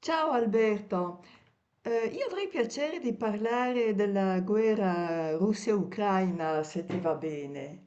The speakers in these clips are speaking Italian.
Ciao Alberto, io avrei piacere di parlare della guerra Russia-Ucraina, se ti va bene.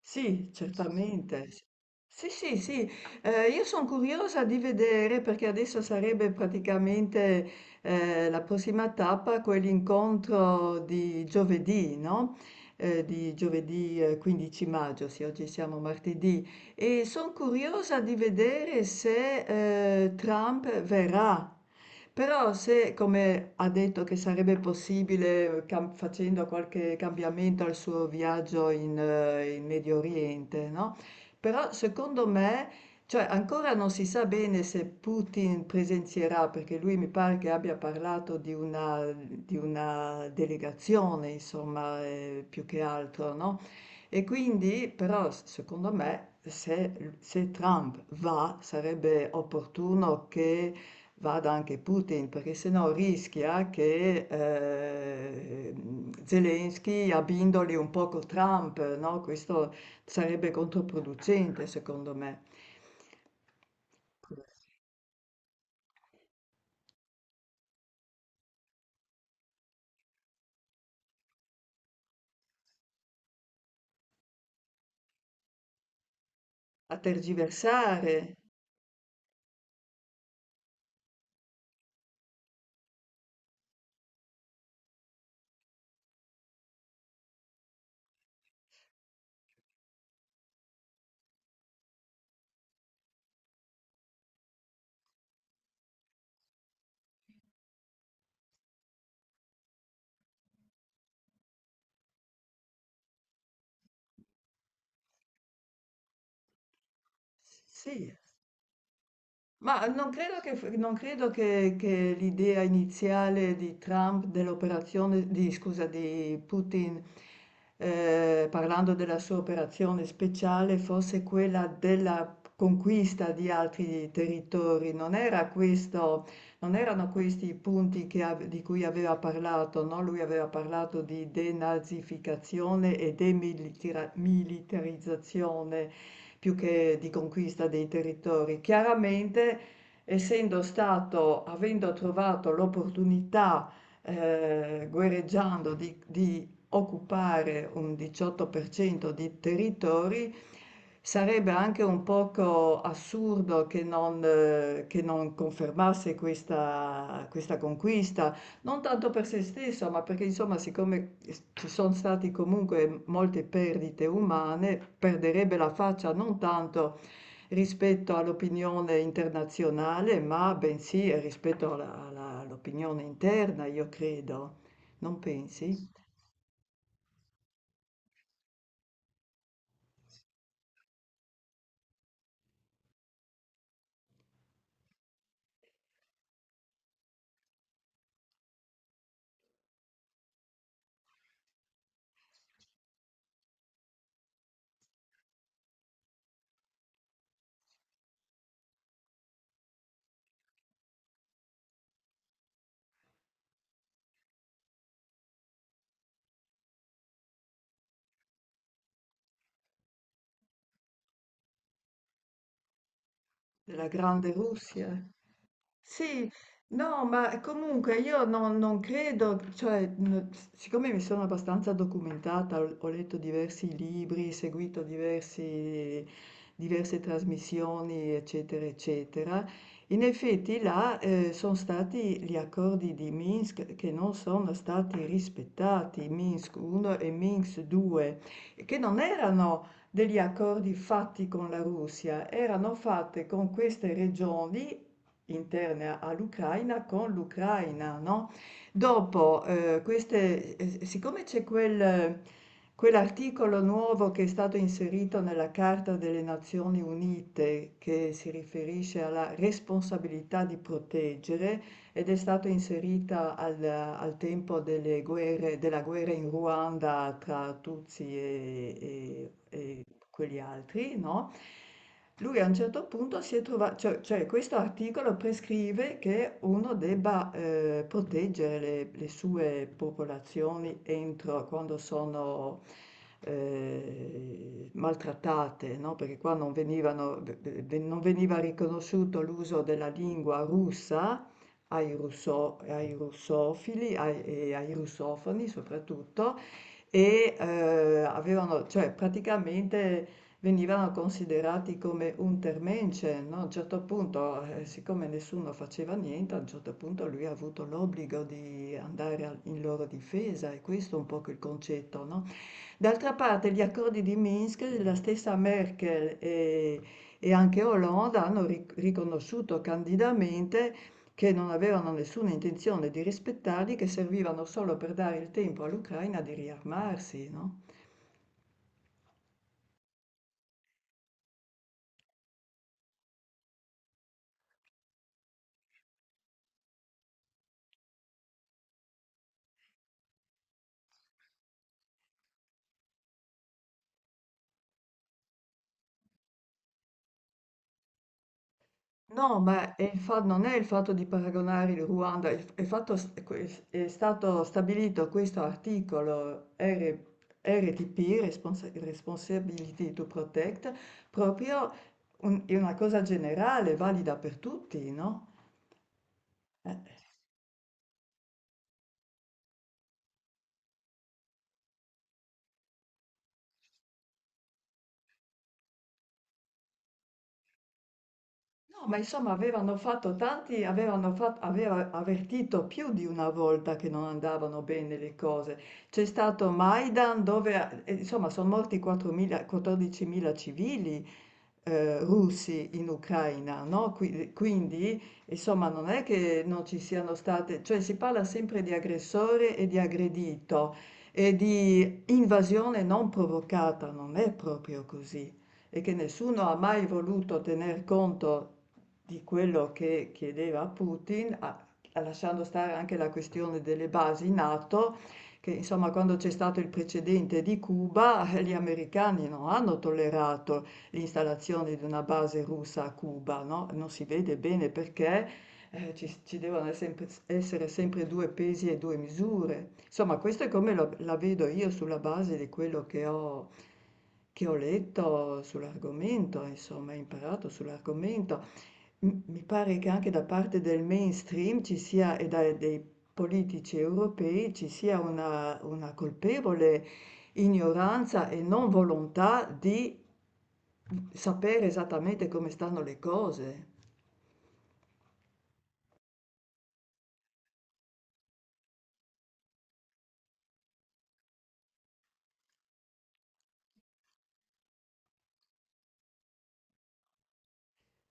Sì, certamente. Sì. Io sono curiosa di vedere perché adesso sarebbe praticamente la prossima tappa, quell'incontro di giovedì, no? Di giovedì 15 maggio, sì, oggi siamo martedì, e sono curiosa di vedere se Trump verrà. Però se, come ha detto, che sarebbe possibile facendo qualche cambiamento al suo viaggio in, in Medio Oriente, no? Però secondo me, cioè ancora non si sa bene se Putin presenzierà, perché lui mi pare che abbia parlato di una delegazione, insomma, più che altro, no? E quindi, però, secondo me, se Trump va, sarebbe opportuno che vada anche Putin, perché sennò rischia che Zelensky abbindoli un poco Trump, no? Questo sarebbe controproducente, secondo me. A tergiversare, sì. Ma non credo che, che l'idea iniziale di Trump dell'operazione, scusa, di Putin, parlando della sua operazione speciale, fosse quella della conquista di altri territori. Non era questo, non erano questi i punti di cui aveva parlato, no? Lui aveva parlato di denazificazione e demilitarizzazione più che di conquista dei territori. Chiaramente, avendo trovato l'opportunità, guerreggiando di occupare un 18% di territori, sarebbe anche un poco assurdo che non confermasse questa conquista non tanto per se stesso, ma perché insomma, siccome ci sono state comunque molte perdite umane, perderebbe la faccia non tanto rispetto all'opinione internazionale, ma bensì rispetto all'opinione interna, io credo. Non pensi? Della grande Russia? Sì, no, ma comunque io non credo, cioè, siccome mi sono abbastanza documentata, ho letto seguito diverse trasmissioni, eccetera, eccetera, in effetti là, sono stati gli accordi di Minsk che non sono stati rispettati, Minsk 1 e Minsk 2, che non erano degli accordi fatti con la Russia, erano fatte con queste regioni interne all'Ucraina con l'Ucraina, no? Dopo, siccome c'è quell'articolo nuovo che è stato inserito nella Carta delle Nazioni Unite, che si riferisce alla responsabilità di proteggere ed è stato inserita al tempo della guerra in Ruanda tra Tutsi e quegli altri, no? Lui a un certo punto si è trovato, cioè questo articolo prescrive che uno debba proteggere le sue popolazioni entro quando sono maltrattate, no? Perché qua non veniva riconosciuto l'uso della lingua russa ai russofili e ai russofoni soprattutto, e avevano, cioè praticamente venivano considerati come untermensch, no? A un certo punto, siccome nessuno faceva niente, a un certo punto lui ha avuto l'obbligo di andare in loro difesa, e questo è un po' il concetto, no? D'altra parte, gli accordi di Minsk, la stessa Merkel e anche Hollande hanno riconosciuto candidamente che non avevano nessuna intenzione di rispettarli, che servivano solo per dare il tempo all'Ucraina di riarmarsi, no? No, ma è non è il fatto di paragonare il Ruanda, è stato stabilito questo RTP, Responsibility to Protect, proprio è una cosa generale, valida per tutti, no? Eh, no, ma insomma avevano fatto tanti, avevano fatto, aveva avvertito più di una volta che non andavano bene le cose. C'è stato Maidan dove, insomma, sono morti 4.000 14.000 civili russi in Ucraina, no? Quindi, insomma, non è che non ci siano state, cioè si parla sempre di aggressore e di aggredito e di invasione non provocata, non è proprio così. E che nessuno ha mai voluto tener conto di quello che chiedeva Putin, a lasciando stare anche la questione delle basi NATO, che insomma quando c'è stato il precedente di Cuba, gli americani non hanno tollerato l'installazione di una base russa a Cuba, no? Non si vede bene perché ci devono essere sempre due pesi e due misure. Insomma, questo è come la vedo io sulla base di quello che ho letto sull'argomento, insomma, imparato sull'argomento. Mi pare che anche da parte del mainstream ci sia e dei politici europei ci sia una colpevole ignoranza e non volontà di sapere esattamente come stanno le cose.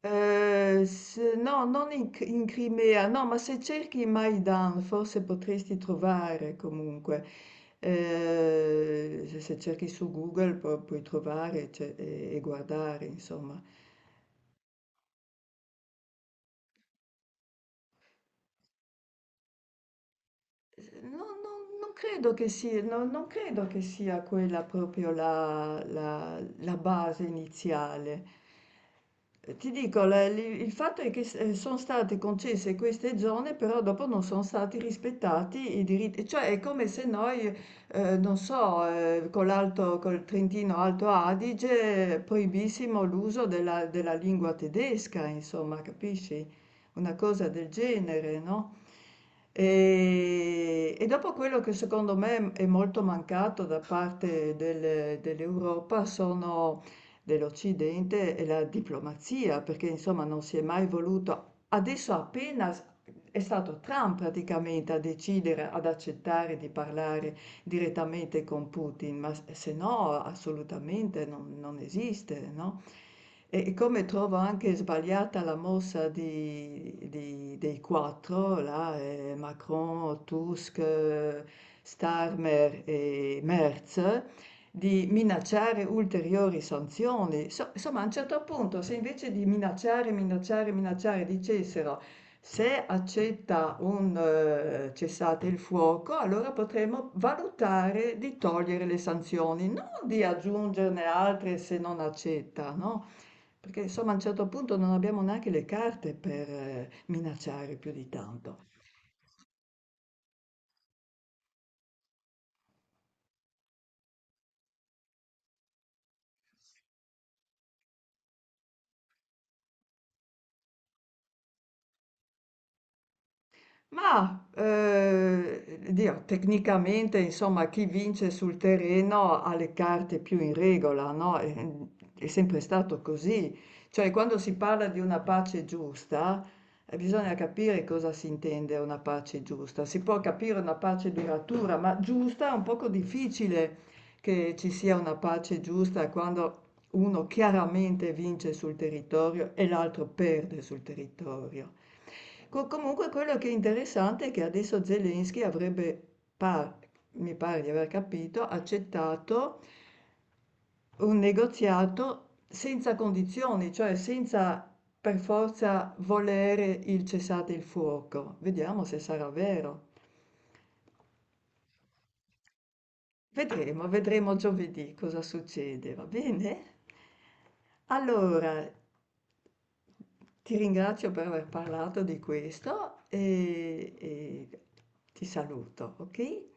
S no, non in Crimea, no, ma se cerchi Maidan forse potresti trovare comunque. Se se cerchi su Google pu puoi trovare ce e guardare insomma. No, non credo che si no non Credo che sia quella proprio la base iniziale. Ti dico, il fatto è che sono state concesse queste zone, però dopo non sono stati rispettati i diritti, cioè è come se noi, non so, con col Trentino Alto Adige proibissimo l'uso della lingua tedesca, insomma, capisci? Una cosa del genere, no? E dopo quello che secondo me è molto mancato da parte dell'Europa sono dell'Occidente e la diplomazia, perché insomma non si è mai voluto. Adesso è stato Trump praticamente a decidere, ad accettare di parlare direttamente con Putin, ma se no assolutamente non esiste, no? E come trovo anche sbagliata la mossa dei quattro, là, Macron, Tusk, Starmer e Merz, di minacciare ulteriori sanzioni. Insomma, a un certo punto, se invece di minacciare, minacciare, minacciare, dicessero se accetta un cessate il fuoco, allora potremmo valutare di togliere le sanzioni, non di aggiungerne altre se non accetta, no? Perché insomma a un certo punto non abbiamo neanche le carte per minacciare più di tanto. Mah, Dio, tecnicamente insomma chi vince sul terreno ha le carte più in regola, no, è sempre stato così. Cioè quando si parla di una pace giusta, bisogna capire cosa si intende una pace giusta. Si può capire una pace duratura, ma giusta è un poco difficile che ci sia una pace giusta quando uno chiaramente vince sul territorio e l'altro perde sul territorio. Comunque quello che è interessante è che adesso Zelensky avrebbe, par- mi pare di aver capito, accettato un negoziato senza condizioni, cioè senza per forza volere il cessate il fuoco. Vediamo se sarà vero. Vedremo, vedremo giovedì cosa succede, va bene? Allora, ti ringrazio per aver parlato di questo e ti saluto, ok?